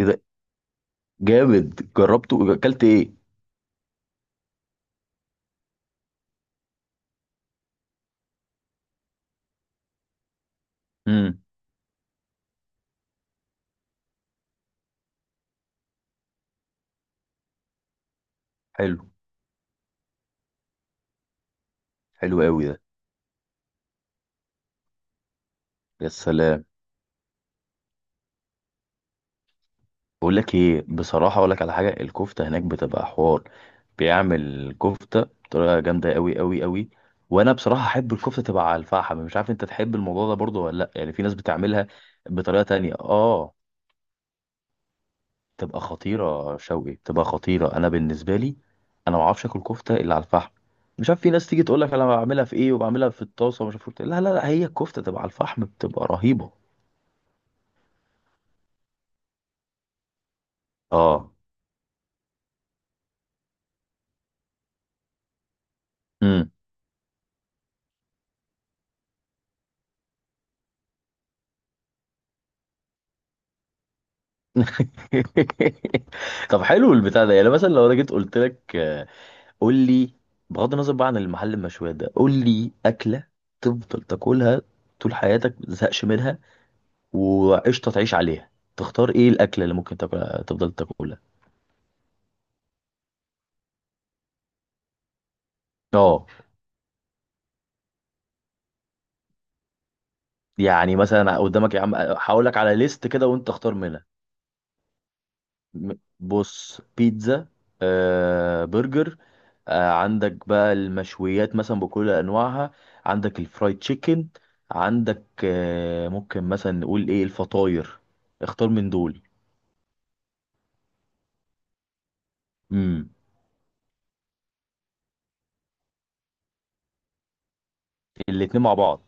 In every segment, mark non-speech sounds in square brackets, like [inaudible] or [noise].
ايه ده؟ جامد، جربته، اكلت ايه؟ امم. حلو. حلو قوي ده. يا سلام. بقول لك ايه، بصراحه اقول لك على حاجه، الكفته هناك بتبقى حوار. بيعمل كفته بطريقه جامده قوي قوي قوي. وانا بصراحه احب الكفته تبقى على الفحم، مش عارف انت تحب الموضوع ده برضه ولا لا، يعني في ناس بتعملها بطريقه تانية. اه، تبقى خطيره شوقي، تبقى خطيره. انا بالنسبه لي، انا ما اعرفش اكل كفته الا على الفحم. مش عارف، في ناس تيجي تقول لك انا بعملها في ايه وبعملها في الطاسه ومش عارف إيه. لا لا لا، هي الكفته تبقى على الفحم بتبقى رهيبه. اه. امم. [laughs] طب حلو البتاع ده. يعني مثلا لو انا جيت قلت لك قول لي، بغض النظر بقى عن المحل المشويات ده، قول لي اكله تفضل تاكلها طول حياتك ما تزهقش منها، وقشطه تعيش عليها. تختار ايه الاكله اللي ممكن تاكلها تفضل تاكلها؟ اه. يعني مثلا قدامك، يا عم هقول لك على ليست كده وانت اختار منها. م- بص، بيتزا، برجر، عندك بقى المشويات مثلا بكل انواعها، عندك الفرايد تشيكن، عندك ممكن مثلا نقول ايه الفطاير. اختار من دول. امم. الاتنين مع بعض.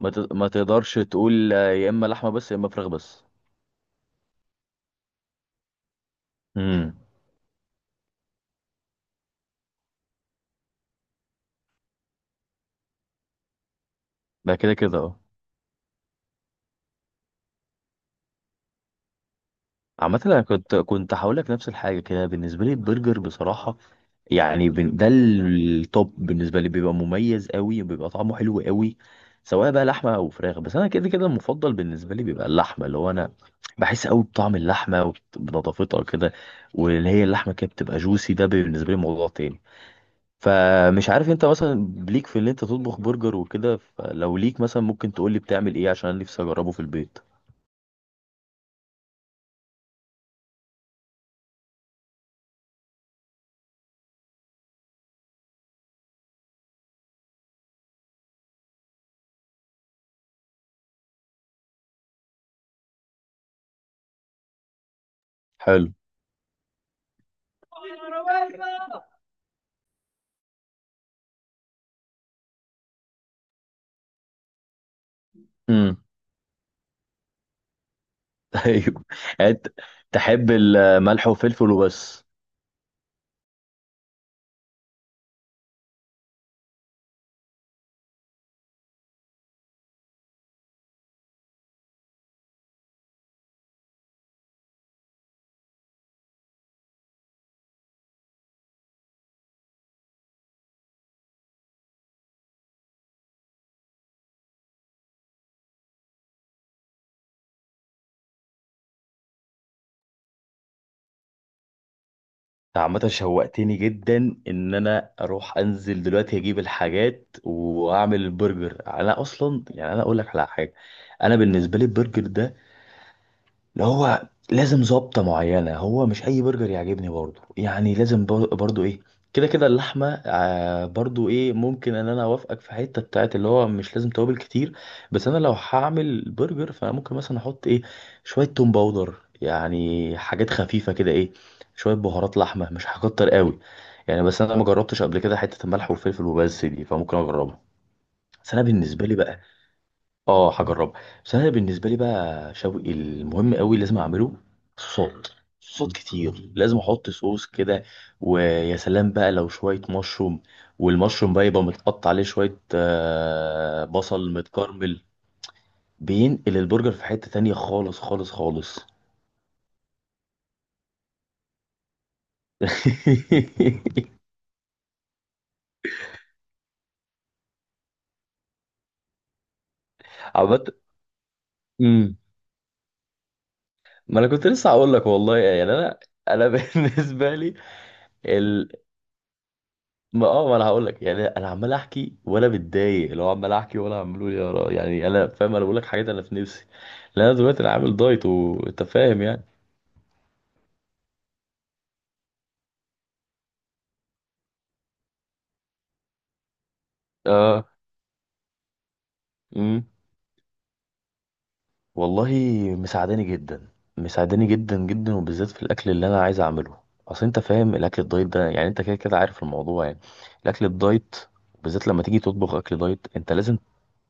ما تقدرش تقول، يا اما لحمه بس يا اما فراخ بس. امم. ده كده كده اه. عامة انا كنت هقول لك نفس الحاجة كده، بالنسبة لي البرجر بصراحة، يعني ده التوب بالنسبه لي، بيبقى مميز قوي وبيبقى طعمه حلو قوي سواء بقى لحمه او فراخ. بس انا كده كده المفضل بالنسبه لي بيبقى اللحمه، اللي هو انا بحس قوي بطعم اللحمه، بنضافتها كده، واللي هي اللحمه كده بتبقى جوسي، ده بالنسبه لي موضوع تاني. فمش عارف انت مثلا ليك في ان انت تطبخ برجر وكده، فلو ليك مثلا ممكن تقول لي بتعمل ايه عشان انا نفسي اجربه في البيت. حلو. امم. [laughs] ايوه. أنت تحب الملح وفلفل وبس؟ عامة شوقتني جدا ان انا اروح انزل دلوقتي اجيب الحاجات واعمل البرجر. انا اصلا يعني انا اقول لك على حاجه، انا بالنسبه لي البرجر ده اللي هو لازم ظبطة معينة، هو مش أي برجر يعجبني برضو، يعني لازم برضو إيه، كده كده اللحمة، برضو إيه ممكن إن أنا أوافقك في حتة بتاعت اللي هو مش لازم توابل كتير. بس أنا لو هعمل برجر فأنا ممكن مثلا أحط إيه شوية توم باودر، يعني حاجات خفيفة كده إيه، شوية بهارات لحمة، مش هكتر قوي يعني. بس أنا ما جربتش قبل كده حتة الملح والفلفل وبس دي، فممكن أجربها. بس أنا بالنسبة لي بقى، اه هجربها، بس انا بالنسبه لي بقى شوقي المهم قوي لازم اعمله صوت صوت كتير، لازم احط صوص كده، ويا سلام بقى لو شويه مشروم، والمشروم بقى يبقى متقطع عليه شويه، بصل متكرمل، بينقل البرجر في حته تانية خالص خالص خالص. [laughs] عملت. امم. ما انا كنت لسه هقول لك والله، يعني انا [laughs] بالنسبه لي، ما انا هقول لك، يعني انا عمال احكي ولا بتضايق لو عمال احكي ولا عمال يا را، يعني انا فاهم، انا بقول لك حاجات انا في نفسي لان انا دلوقتي انا عامل دايت وانت فاهم يعني. اه. امم. والله مساعداني جدا، مساعداني جدا جدا، وبالذات في الاكل اللي انا عايز اعمله. اصل انت فاهم الاكل الدايت ده، يعني انت كده كده عارف الموضوع يعني، الاكل الدايت بالذات لما تيجي تطبخ اكل دايت، انت لازم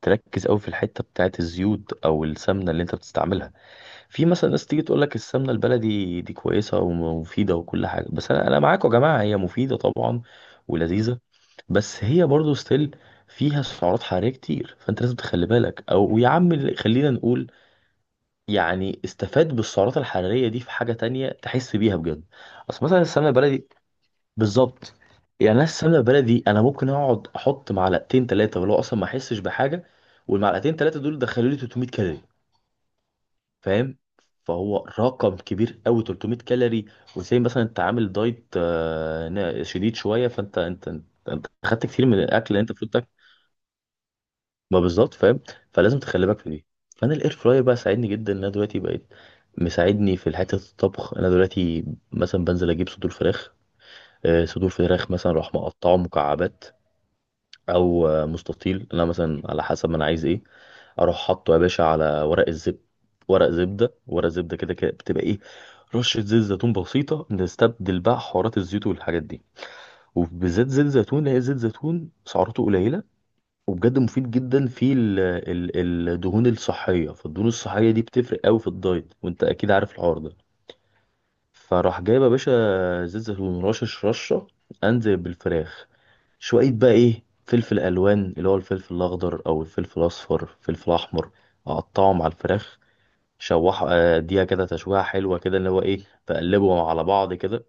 تركز قوي في الحته بتاعت الزيوت او السمنه اللي انت بتستعملها. في مثلا ناس تيجي تقول لك السمنه البلدي دي كويسه ومفيده وكل حاجه، بس انا معاكم يا جماعه، هي مفيده طبعا، ولذيذه، بس هي برضو ستيل فيها سعرات حراريه كتير، فانت لازم تخلي بالك، او يا عم خلينا نقول يعني استفاد بالسعرات الحراريه دي في حاجه تانية تحس بيها بجد. اصل مثلا السمنه البلدي، بالظبط، يعني انا السمنه البلدي انا ممكن اقعد احط معلقتين ثلاثه ولو اصلا ما احسش بحاجه، والمعلقتين ثلاثه دول دخلوا لي 300 كالوري، فاهم، فهو رقم كبير قوي 300 كالوري. وزي مثلا انت عامل دايت شديد شويه، فانت انت خدت كتير من الاكل اللي انت المفروض تاكله. ما بالظبط فاهم، فلازم تخلي بالك في دي. فانا الاير فراير بقى ساعدني جدا ان انا دلوقتي بقيت مساعدني في حته الطبخ. انا دلوقتي مثلا بنزل اجيب صدور فراخ، صدور فراخ مثلا اروح مقطعه مكعبات او مستطيل، انا مثلا على حسب ما انا عايز ايه. اروح حاطه يا باشا على ورق الزبده، ورق زبده ورق زبده كده كده بتبقى ايه، رشه زيت زيتون بسيطه نستبدل بقى حوارات الزيوت والحاجات دي، وبالذات زيت زيتون اللي هي زيت زيتون سعراته قليله، وبجد مفيد جدا في الدهون الصحيه. فالدهون الصحيه دي بتفرق قوي في الدايت وانت اكيد عارف الحوار ده. فراح جايب يا باشا زيت زيتون رشش رشة، انزل بالفراخ، شوية بقى ايه فلفل الوان اللي هو الفلفل الاخضر او الفلفل الاصفر فلفل احمر، اقطعهم على الفراخ، شوح اديها كده تشويحة حلوة كده، اللي هو ايه، بقلبهم على بعض كده.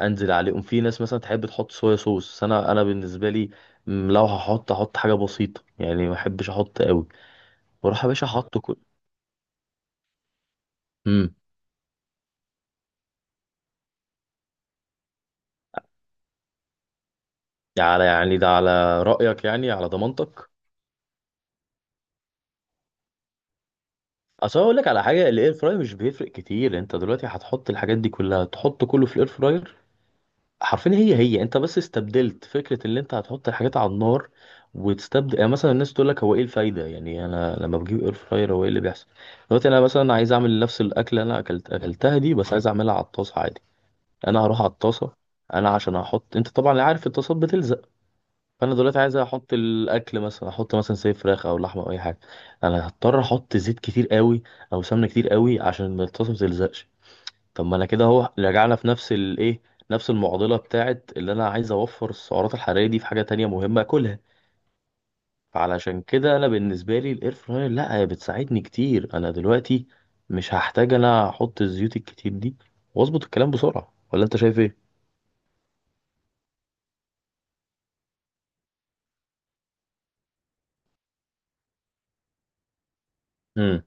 انزل عليهم، في ناس مثلا تحب تحط صويا صوص، بس انا، بالنسبة لي لو احط حاجة بسيطة يعني، ما احبش احط قوي، واروح يا باشا احط كل. امم. على، يعني ده على رأيك يعني على ضمانتك. اصل اقول لك على حاجه، الاير فراير مش بيفرق كتير، انت دلوقتي هتحط الحاجات دي كلها، تحط كله في الاير فراير حرفيا. هي هي، انت بس استبدلت فكره اللي انت هتحط الحاجات على النار. وتستبدل، يعني مثلا الناس تقول لك هو ايه الفايده يعني، انا لما بجيب اير فراير هو ايه اللي بيحصل؟ دلوقتي انا مثلا عايز اعمل نفس الاكله اللي انا اكلتها دي بس عايز اعملها على الطاسه عادي، انا هروح على الطاسه، انا عشان احط، انت طبعا عارف الطاسات بتلزق، فانا دلوقتي عايز احط الاكل، مثلا احط مثلا زي فراخ او لحمه او اي حاجه، انا هضطر احط زيت كتير قوي او سمنه كتير قوي عشان الطاسه ما تلزقش. طب ما انا كده اهو رجعنا في نفس الايه، نفس المعضله بتاعت اللي انا عايز اوفر السعرات الحراريه دي في حاجه تانية مهمه اكلها. فعلشان كده انا بالنسبه لي الاير فراير، لا هي بتساعدني كتير، انا دلوقتي مش هحتاج انا احط الزيوت الكتير دي واظبط الكلام بسرعه، ولا انت شايف ايه؟ امم.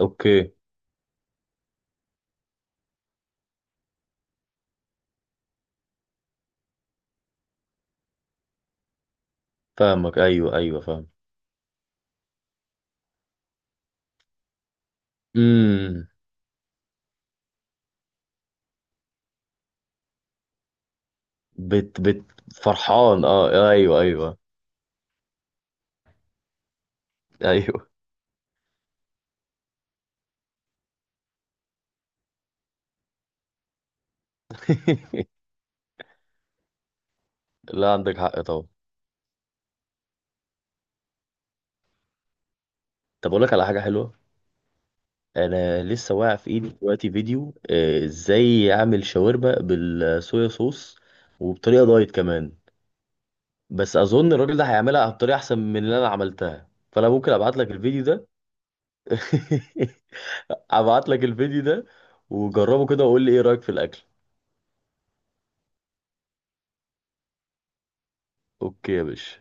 اوكي. فاهمك، ايوه ايوه فاهم. امم. بت بت فرحان، اه ايوه ايوه ايوه. [laughs] لا عندك حق طبعا. طب اقول لك على حاجه حلوه. انا لسه واقع في ايدي دلوقتي فيديو ازاي اعمل شاورما بالصويا صوص، وبطريقه دايت كمان، بس اظن الراجل ده هيعملها بطريقه احسن من اللي انا عملتها، فانا ممكن ابعت لك الفيديو ده. [laughs] ابعت لك الفيديو ده وجربه كده وقول لي ايه رايك في الاكل. اوكي يا باشا.